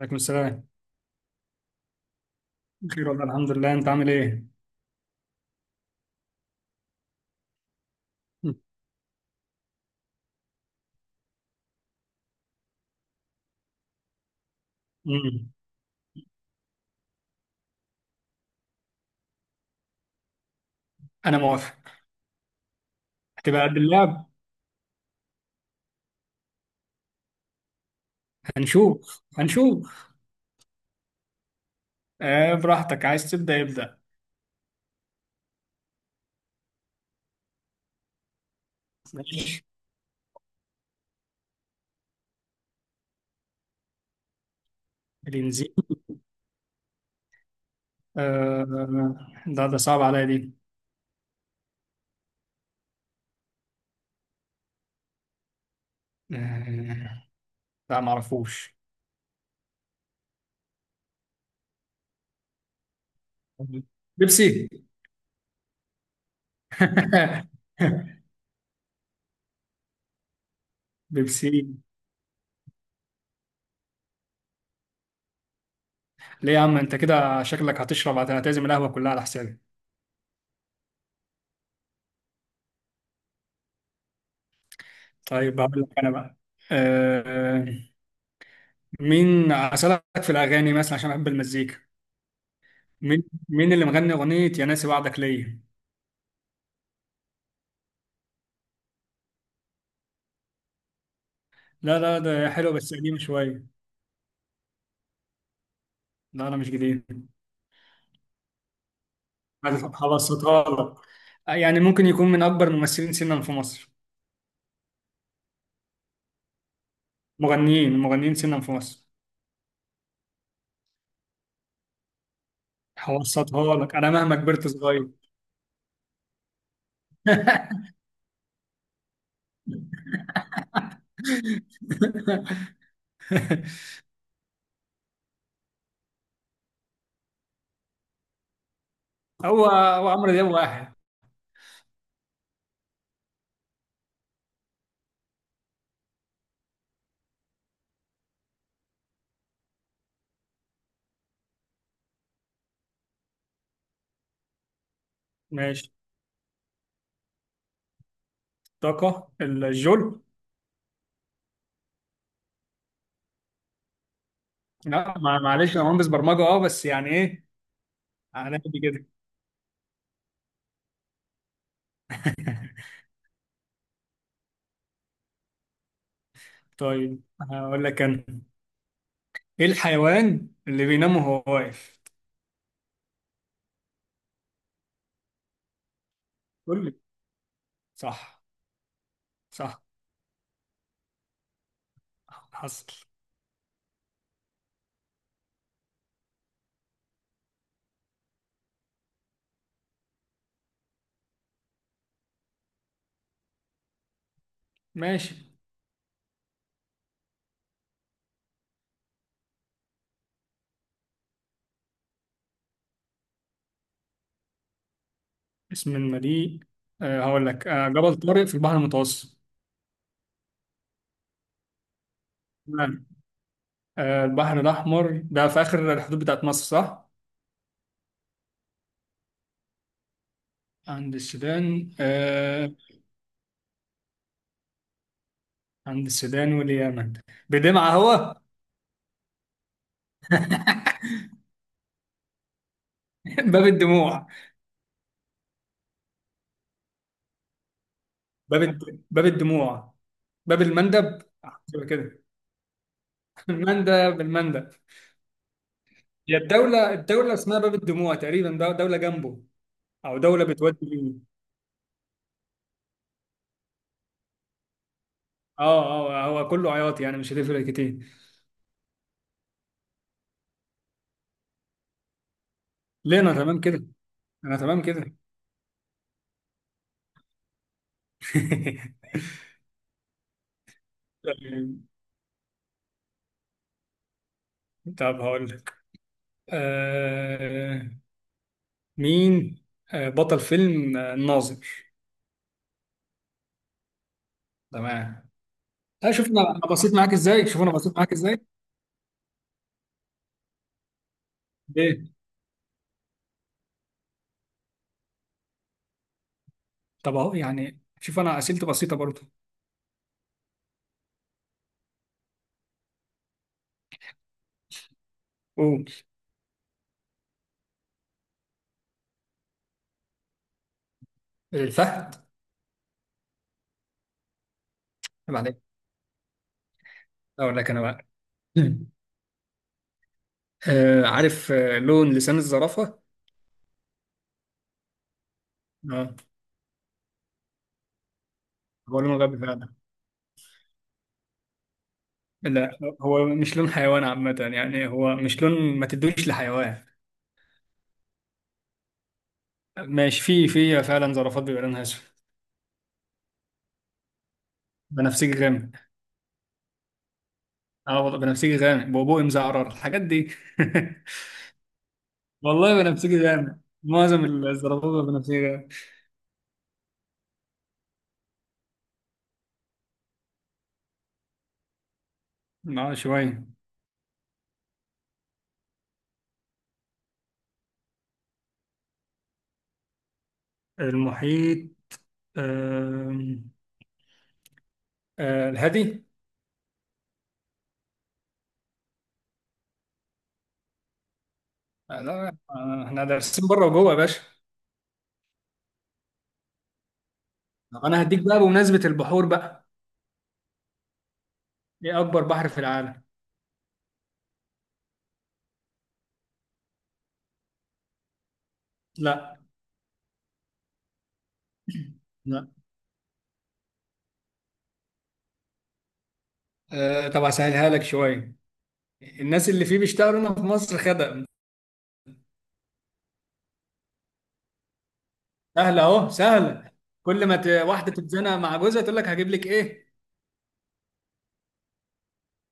عليكم السلام. بخير والله، الحمد لله، انت عامل ايه؟ مم. انا موافق. هتبقى قد اللعب؟ هنشوف هنشوف. آه، براحتك، عايز تبدا يبدا. ماشي. الانزيم. آه، ده صعب عليا دي. آه، لا معرفوش. بيبسي. بيبسي. ليه يا عم، انت كده شكلك هتشرب هتعتزم القهوه كلها على حسابي. طيب، هقول لك انا بقى. آه، مين اسالك في الاغاني مثلا عشان بحب المزيكا. مين اللي مغني اغنيه يا ناسي وعدك ليا؟ لا لا، ده حلو بس قديم شويه. لا، انا مش جديد. هبسطها لك. يعني ممكن يكون من اكبر الممثلين سنا في مصر. مغنيين، مغنيين سنا في مصر. هبسطها لك، انا مهما كبرت صغير. هو هو عمرو دياب واحد. ماشي. طاقه الجول. لا، معلش، انا مهندس برمجه، بس يعني ايه. على قد كده. طيب، هقول لك انا. ايه الحيوان اللي بينام وهو واقف؟ قول لي. صح صح، حصل. ماشي. اسم المدينة. هقول لك، جبل طارق في البحر المتوسط. تمام. أه، البحر الأحمر ده في آخر الحدود بتاعت مصر صح؟ عند السودان أه. عند السودان واليمن. بدمعة هو. باب الدموع. باب الدموع. باب المندب. شبه كده. المندب المندب. هي الدولة اسمها باب الدموع تقريبا، ده دولة جنبه، أو دولة بتودي ليه. اه اه، هو كله عياط يعني مش هتفرق كتير. لينا تمام كده. انا تمام كده. طيب. طب هقول لك. آه مين بطل فيلم الناظر. تمام. آه، شوف انا بسيط معاك ازاي، شوف انا بسيط معاك ازاي. ليه؟ طب اهو، يعني شوف انا اسئلتي بسيطه برضه. قول. الفهد. عيب عليك. اقول لك انا بقى. آه عارف، لون لسان الزرافة. اه، هو لون غبي فعلا. لا، هو مش لون حيوان عامة، يعني هو مش لون ما تدوش لحيوان. ماشي، في فعلا زرافات بيبقى لونها اسود. بنفسجي غامق. اه والله بنفسجي غامق بقبوقي مزعرر الحاجات دي. والله بنفسجي غامق. معظم الزرابيب بنفسجي غامق. اه شوية. المحيط. آم، آه، الهادي. آه لا، احنا دارسين بره وجوه يا باشا. طب انا هديك بقى بمناسبة البحور بقى. ايه اكبر بحر في العالم؟ لا لا. آه، طب هسهلها لك شوية. الناس اللي فيه بيشتغلوا هنا في مصر خدم. سهلة اهو سهلة. كل ما واحدة تتزنق مع جوزها تقول لك هجيب لك ايه.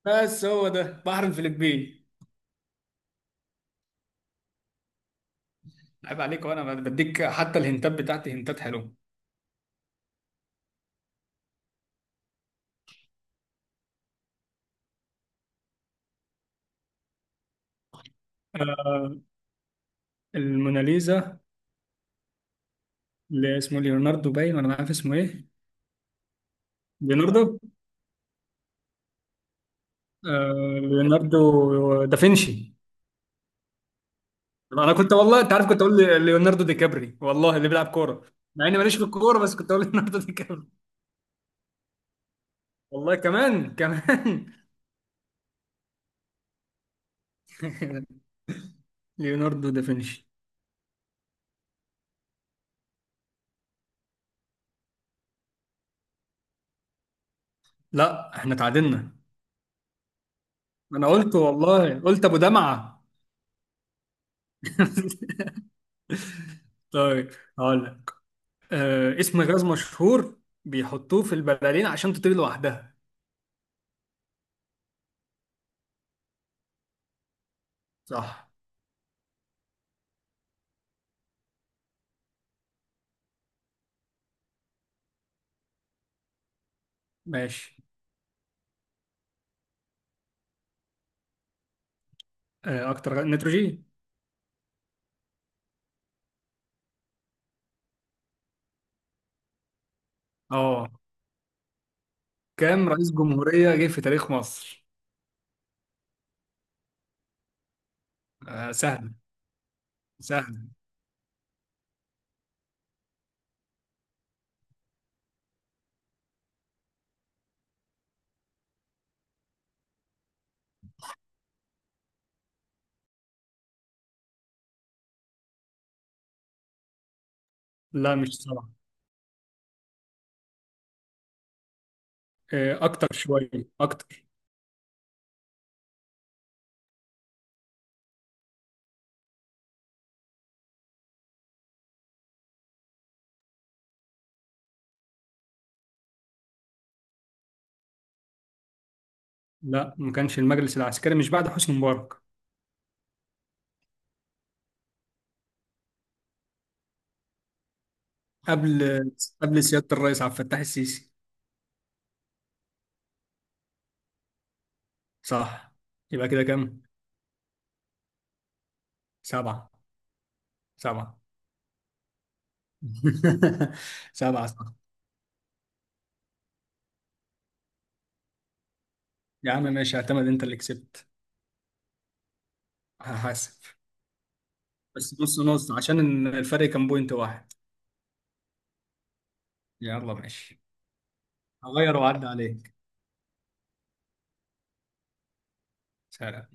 بس هو ده بحر الفلبين. عيب عليك، وانا بديك حتى الهنتات بتاعتي هنتات حلوه. آه، الموناليزا. اللي اسمه ليوناردو باين، ولا مش عارف اسمه ايه. ليوناردو. آه، ليوناردو دافنشي. طب انا كنت، والله انت عارف، كنت ليوناردو دي كابري، والله اللي بيلعب كوره. مع اني ماليش في الكوره، بس كنت اقول ليوناردو دي كابري. والله كمان كمان. ليوناردو دافنشي. لا، احنا تعادلنا. انا قلت والله، قلت ابو دمعه. طيب، هقول لك اسم غاز مشهور بيحطوه في البلالين عشان تطير لوحدها. صح. ماشي. نيتروجين. اه. كام رئيس جمهورية جه في تاريخ مصر؟ آه، سهل. سهل. لا مش صعب. آه، اكتر شوية. اكتر. لا، ما كانش المجلس العسكري مش بعد حسني مبارك. قبل. قبل سيادة الرئيس عبد الفتاح السيسي. صح. يبقى كده كام؟ سبعة. سبعة. سبعة صح. يا عم ماشي، اعتمد انت اللي كسبت. هحاسب. بس نص نص عشان الفرق كان بوينت واحد. يلا ماشي. هغير وأعدي عليك. سلام.